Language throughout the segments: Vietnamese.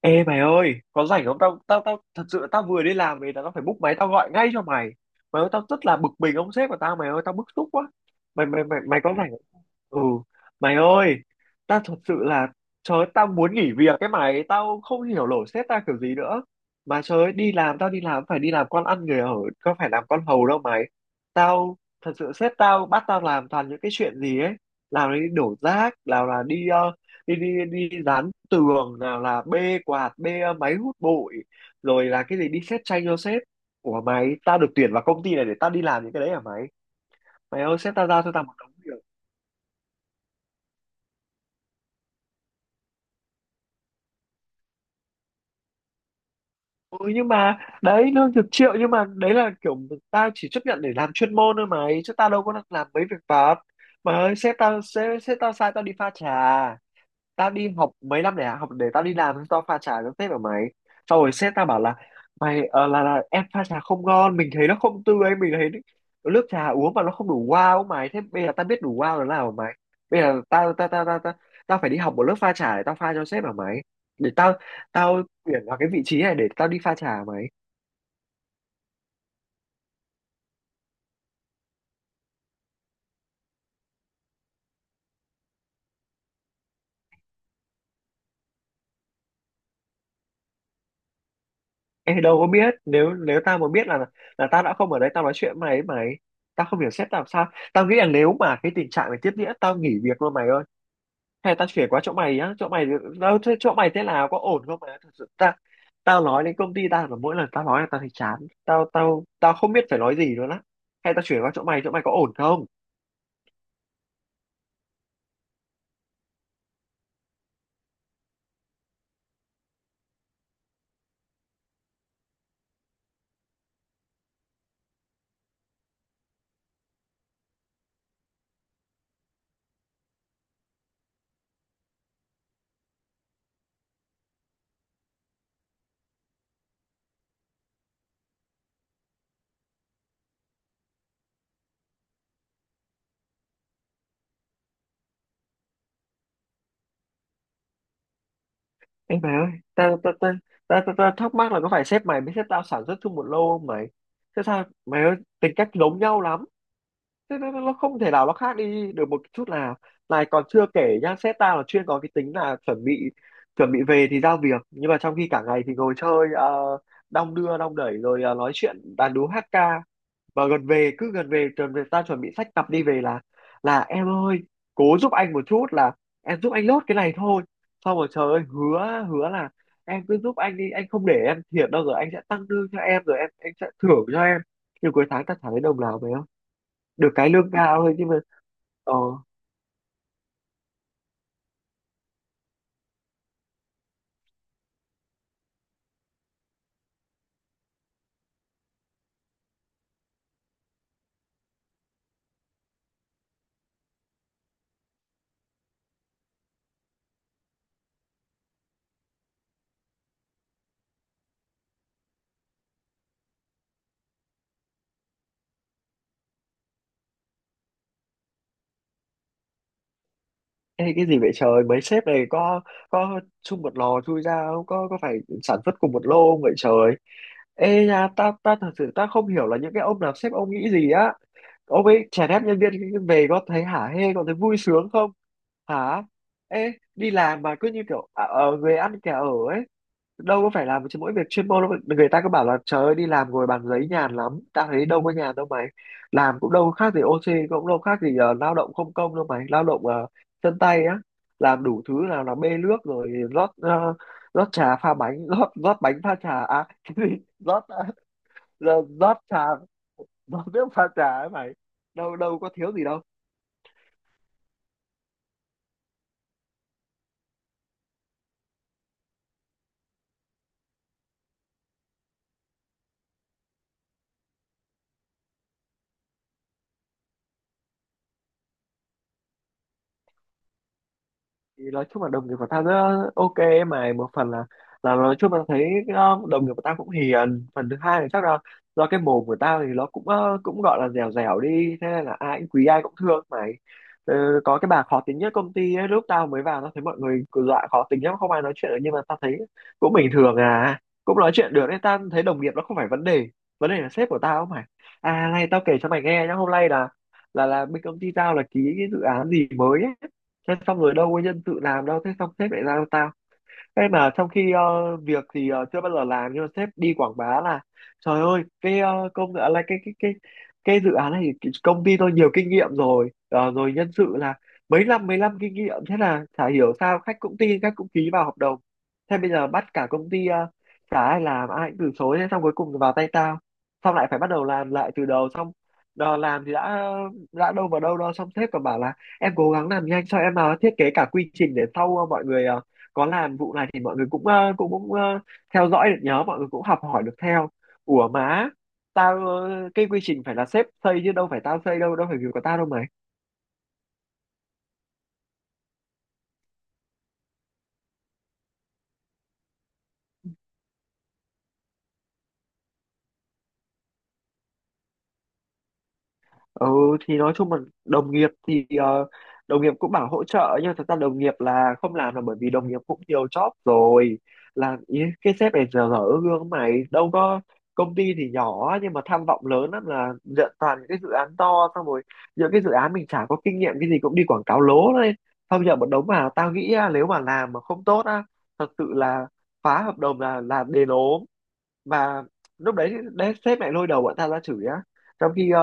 Ê mày ơi, có rảnh không? Tao tao tao thật sự là tao vừa đi làm về, tao phải búc máy tao gọi ngay cho mày. Mày ơi, tao rất là bực mình ông sếp của tao mày ơi, tao bức xúc quá. Mày mày mày mày có rảnh không? Ừ, mày ơi, tao thật sự là, trời ơi, tao muốn nghỉ việc cái mày, tao không hiểu nổi sếp tao kiểu gì nữa. Mà trời ơi, đi làm tao đi làm phải đi làm con ăn người ở, có phải làm con hầu đâu mày. Tao thật sự sếp tao bắt tao làm toàn những cái chuyện gì ấy, làm đi đổ rác, nào là đi đi đi đi dán tường, nào là bê quạt, bê máy hút bụi, rồi là cái gì đi xét tranh cho sếp. Ủa mày, tao được tuyển vào công ty này để tao đi làm những cái đấy hả mày? Mày ơi sếp tao giao cho tao một đống việc. Ừ nhưng mà đấy lương chục triệu nhưng mà đấy là kiểu tao chỉ chấp nhận để làm chuyên môn thôi mày, chứ tao đâu có làm mấy việc vặt. Mà ơi sếp tao, sếp tao sai tao đi pha trà. Tao đi học mấy năm để học, để tao đi làm tao pha trà nó phết ở mày. Sau rồi sếp tao bảo là mày là em pha trà không ngon, mình thấy nó không tươi, mình thấy nước trà uống mà nó không đủ wow ấy mày. Thế bây giờ tao biết đủ wow là nào hả mày? Bây giờ tao tao tao tao tao, tao phải đi học một lớp pha trà để tao pha cho sếp hả mày? Để tao, tao tuyển vào cái vị trí này để tao đi pha trà hả mày? Em đâu có biết, nếu nếu tao mà biết là tao đã không ở đây tao nói chuyện với mày ấy mày. Tao không hiểu sếp tao làm sao. Tao nghĩ là nếu mà cái tình trạng này tiếp diễn tao nghỉ việc luôn mày ơi. Hay tao chuyển qua chỗ mày á, chỗ mày đâu thế, chỗ mày thế nào, có ổn không mày? Thật sự ta, tao nói đến công ty tao là mỗi lần tao nói là tao thấy chán. Tao tao tao không biết phải nói gì nữa á. Hay tao chuyển qua chỗ mày, chỗ mày có ổn không? Em mày ơi, tao tao tao tao ta, ta, thắc mắc là có phải sếp mày với sếp tao sản xuất chung một lô không mày? Thế sao mày ơi, tính cách giống nhau lắm, thế nó nó không thể nào nó khác đi được một chút nào. Này còn chưa kể nhá, sếp ta là chuyên có cái tính là chuẩn bị về thì giao việc, nhưng mà trong khi cả ngày thì ngồi chơi, uh, đong đưa đong đẩy, rồi nói chuyện đàn đúm hát ca. Và gần về, cứ gần về ta chuẩn bị xách cặp đi về là em ơi, cố giúp anh một chút, là em giúp anh lốt cái này thôi. Xong rồi trời ơi, hứa hứa là em cứ giúp anh đi, anh không để em thiệt đâu, rồi anh sẽ tăng lương cho em, rồi em anh sẽ thưởng cho em. Nhưng cuối tháng ta chẳng thấy đồng nào về, được cái lương cao thôi nhưng mà ờ ê, cái gì vậy trời, mấy sếp này có chung một lò chui ra không, có có phải sản xuất cùng một lô không vậy trời? Ê nha, ta ta thật sự ta không hiểu là những cái ông làm sếp ông nghĩ gì á. Ông ấy chèn ép nhân viên về có thấy hả hê, có thấy vui sướng không hả? Ê đi làm mà cứ như kiểu người ăn kẻ ở ấy, đâu có phải làm chứ mỗi việc chuyên môn đâu mà- người ta cứ bảo là trời ơi đi làm ngồi bàn giấy nhàn lắm, tao thấy đâu có nhàn đâu mày. Làm cũng đâu khác gì OC, cũng đâu khác gì lao động không công đâu mày, lao động chân tay á, làm đủ thứ, nào là bê nước, rồi rót rót trà pha bánh rót rót bánh pha trà, à cái gì, rót rót rót trà, rót nước pha trà ấy mày, đâu đâu có thiếu gì đâu. Thì nói chung là đồng nghiệp của tao rất ok ấy mà, một phần là nói chung là thấy đồng nghiệp của tao cũng hiền, phần thứ hai là chắc là do cái mồm của tao thì nó cũng cũng gọi là dẻo dẻo đi, thế nên là ai cũng quý ai cũng thương mày. Ờ, có cái bà khó tính nhất công ty ấy, lúc tao mới vào tao thấy mọi người cứ dọa khó tính lắm không ai nói chuyện được, nhưng mà tao thấy cũng bình thường à, cũng nói chuyện được, nên tao thấy đồng nghiệp nó không phải vấn đề. Vấn đề là sếp của tao mày. À này tao kể cho mày nghe nhá, hôm nay là, là bên công ty tao là ký cái dự án gì mới ấy. Thế xong rồi đâu có nhân sự làm đâu, thế xong sếp lại giao ta. Thế mà trong khi việc thì chưa bao giờ làm, nhưng mà sếp đi quảng bá là trời ơi cái công dự án, là cái cái dự án này thì cái công ty tôi nhiều kinh nghiệm rồi. Ờ, rồi nhân sự là mấy năm kinh nghiệm. Thế là chả hiểu sao khách cũng tin, khách cũng ký vào hợp đồng. Thế bây giờ bắt cả công ty chả ai làm, ai cũng từ chối, thế xong cuối cùng vào tay tao. Xong lại phải bắt đầu làm lại từ đầu. Xong đò làm thì đã đâu vào đâu đó, xong sếp còn bảo là em cố gắng làm nhanh cho em, thiết kế cả quy trình để sau mọi người có làm vụ này thì mọi người cũng cũng cũng ờ, theo dõi được, nhớ mọi người cũng học hỏi được theo. Ủa má, tao cái quy trình phải là sếp xây chứ đâu phải tao xây đâu, đâu phải việc của tao đâu mà. Ừ, thì nói chung là đồng nghiệp thì đồng nghiệp cũng bảo hỗ trợ nhưng mà thật ra đồng nghiệp là không làm là bởi vì đồng nghiệp cũng nhiều job rồi. Là ý, cái sếp này giờ dở gương mày đâu có, công ty thì nhỏ nhưng mà tham vọng lớn lắm, là nhận toàn những cái dự án to, xong rồi những cái dự án mình chả có kinh nghiệm cái gì cũng đi quảng cáo lố lên. Xong giờ một đống, mà tao nghĩ á, nếu mà làm mà không tốt á, thật sự là phá hợp đồng là đền ốm. Và lúc đấy đấy sếp lại lôi đầu bọn tao ra chửi á. Trong khi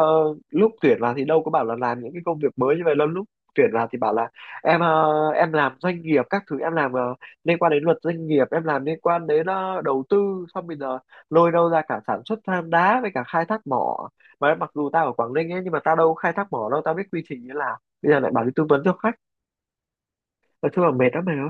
lúc tuyển vào thì đâu có bảo là làm những cái công việc mới như vậy đâu. Lúc tuyển vào thì bảo là em em làm doanh nghiệp các thứ, em làm liên quan đến luật doanh nghiệp, em làm liên quan đến đầu tư. Xong bây giờ lôi đâu ra cả sản xuất than đá với cả khai thác mỏ. Mà mặc dù tao ở Quảng Ninh ấy nhưng mà tao đâu có khai thác mỏ đâu, tao biết quy trình như, là bây giờ lại bảo đi tư vấn cho khách, là chung là mệt lắm mày ơi.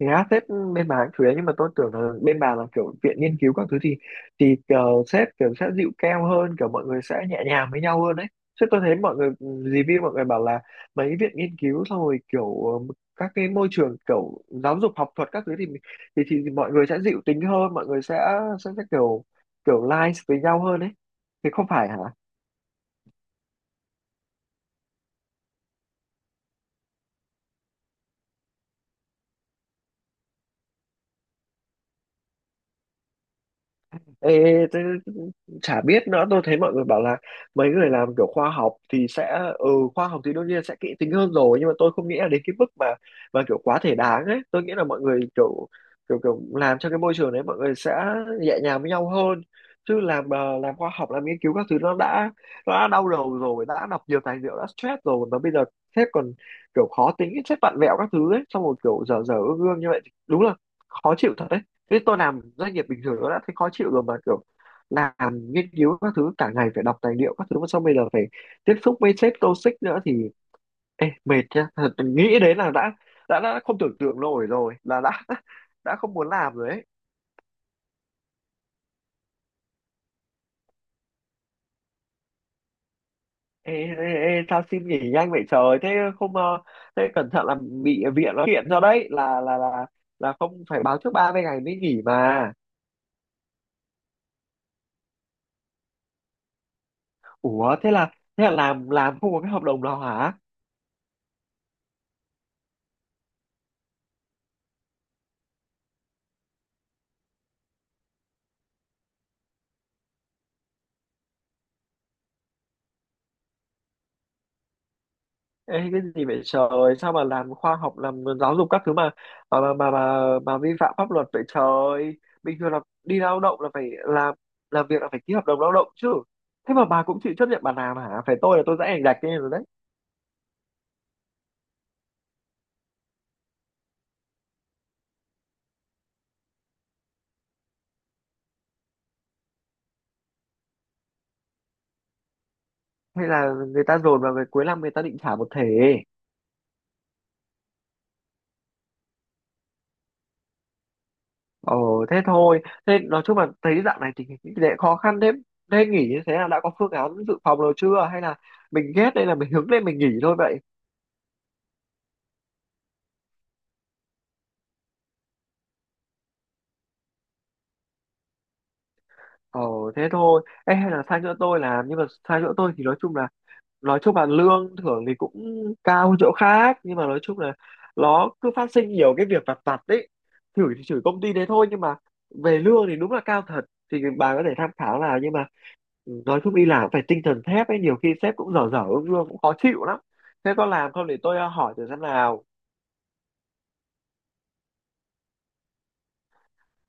Thì á, sếp bên bà cũng thứ, nhưng mà tôi tưởng là bên bà là kiểu viện nghiên cứu các thứ thì kiểu sếp kiểu sẽ dịu keo hơn, kiểu mọi người sẽ nhẹ nhàng với nhau hơn đấy chứ. Tôi thấy mọi người review mọi người bảo là mấy viện nghiên cứu xong rồi kiểu các cái môi trường kiểu giáo dục học thuật các thứ thì thì mọi người sẽ dịu tính hơn, mọi người sẽ kiểu kiểu nice với nhau hơn đấy. Thì không phải hả? Ê, thế, chả biết nữa, tôi thấy mọi người bảo là mấy người làm kiểu khoa học thì sẽ, ừ, khoa học thì đương nhiên sẽ kỹ tính hơn rồi, nhưng mà tôi không nghĩ là đến cái mức mà kiểu quá thể đáng ấy. Tôi nghĩ là mọi người kiểu, kiểu làm cho cái môi trường đấy mọi người sẽ nhẹ nhàng với nhau hơn. Chứ làm làm khoa học làm nghiên cứu các thứ nó đã, nó đã đau đầu rồi, đã đọc nhiều tài liệu, đã stress rồi mà bây giờ sếp còn kiểu khó tính, sếp vặn vẹo các thứ ấy, xong rồi kiểu dở dở ương ương như vậy thì đúng là khó chịu thật. Thế tôi làm doanh nghiệp bình thường nó đã thấy khó chịu rồi, mà kiểu làm nghiên cứu các thứ cả ngày phải đọc tài liệu các thứ, mà xong bây giờ phải tiếp xúc với sếp toxic nữa thì ê, mệt nhá, thật, nghĩ đến là đã đã không tưởng tượng nổi rồi, là đã đã không muốn làm rồi ấy. Ê, ê, ê, sao xin nghỉ nhanh vậy trời? Thế không thế cẩn thận là bị viện nó kiện cho đấy, là là không phải báo trước 30 ngày mới nghỉ mà. Ủa thế là làm, không có cái hợp đồng nào hả? Ê, cái gì vậy trời, sao mà làm khoa học, làm giáo dục các thứ mà mà mà, vi phạm pháp luật vậy trời? Bình thường là đi lao động là phải làm việc là phải ký hợp đồng lao động chứ. Thế mà bà cũng chịu chấp nhận bà làm hả? Phải tôi là tôi sẽ ảnh gạch lên rồi đấy. Hay là người ta dồn vào người cuối năm, người ta định trả một thể. Ồ thế thôi, thế nói chung là thấy dạo này tình hình kinh khó khăn thế, thế nghỉ như thế là đã có phương án dự phòng rồi chưa, hay là mình ghét đây là mình hướng lên mình nghỉ thôi vậy? Ờ, thế thôi, ê, hay là sang chỗ tôi làm? Nhưng mà sang chỗ tôi thì nói chung là lương thưởng thì cũng cao hơn chỗ khác, nhưng mà nói chung là nó cứ phát sinh nhiều cái việc vặt vặt đấy. Chửi thì chửi công ty đấy thôi, nhưng mà về lương thì đúng là cao thật, thì bà có thể tham khảo. Là nhưng mà nói chung đi làm phải tinh thần thép ấy, nhiều khi sếp cũng dở dở, lương cũng khó chịu lắm. Thế có làm không để tôi hỏi thử xem nào?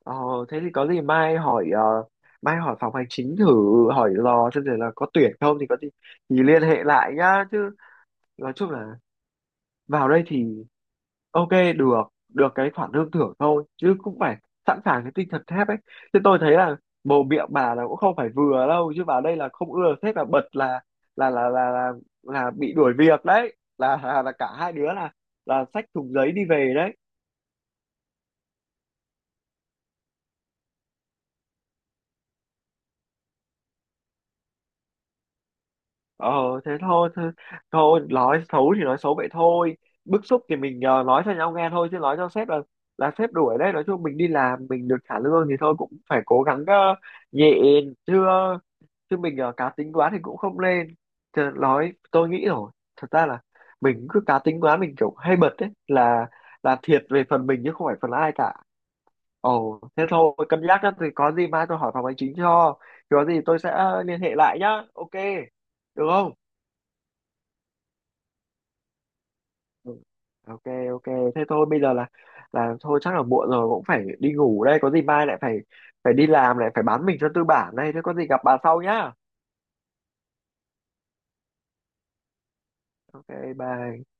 Ờ, thế thì có gì mai hỏi, mai hỏi phòng hành chính thử, hỏi lò xem rồi là có tuyển không, thì có gì thì liên hệ lại nhá. Chứ nói chung là vào đây thì ok, được được cái khoản lương thưởng thôi, chứ cũng phải sẵn sàng cái tinh thần thép ấy. Chứ tôi thấy là mồm miệng bà là cũng không phải vừa đâu, chứ vào đây là không ưa sếp là bật, là là là là, là bị đuổi việc đấy, là cả hai đứa là xách thùng giấy đi về đấy. Ờ thế thôi, thôi nói xấu thì nói xấu vậy thôi, bức xúc thì mình nói cho nhau nghe thôi, chứ nói cho sếp là sếp đuổi đấy. Nói chung mình đi làm mình được trả lương thì thôi, cũng phải cố gắng nhẹ, chứ chứ mình cá tính quá thì cũng không lên. Chứ nói tôi nghĩ rồi, thật ra là mình cứ cá tính quá, mình kiểu hay bật đấy là thiệt về phần mình chứ không phải phần ai cả. Ồ thế thôi, cân nhắc đó, thì có gì mai tôi hỏi phòng hành chính cho, thì có gì tôi sẽ liên hệ lại nhá. Ok được không? Ừ. Ok. Ok, thế thôi bây giờ là thôi chắc là muộn rồi, cũng phải đi ngủ đây, có gì mai lại phải phải đi làm, lại phải bán mình cho tư bản đây. Thế có gì gặp bà sau nhá. Ok, bye.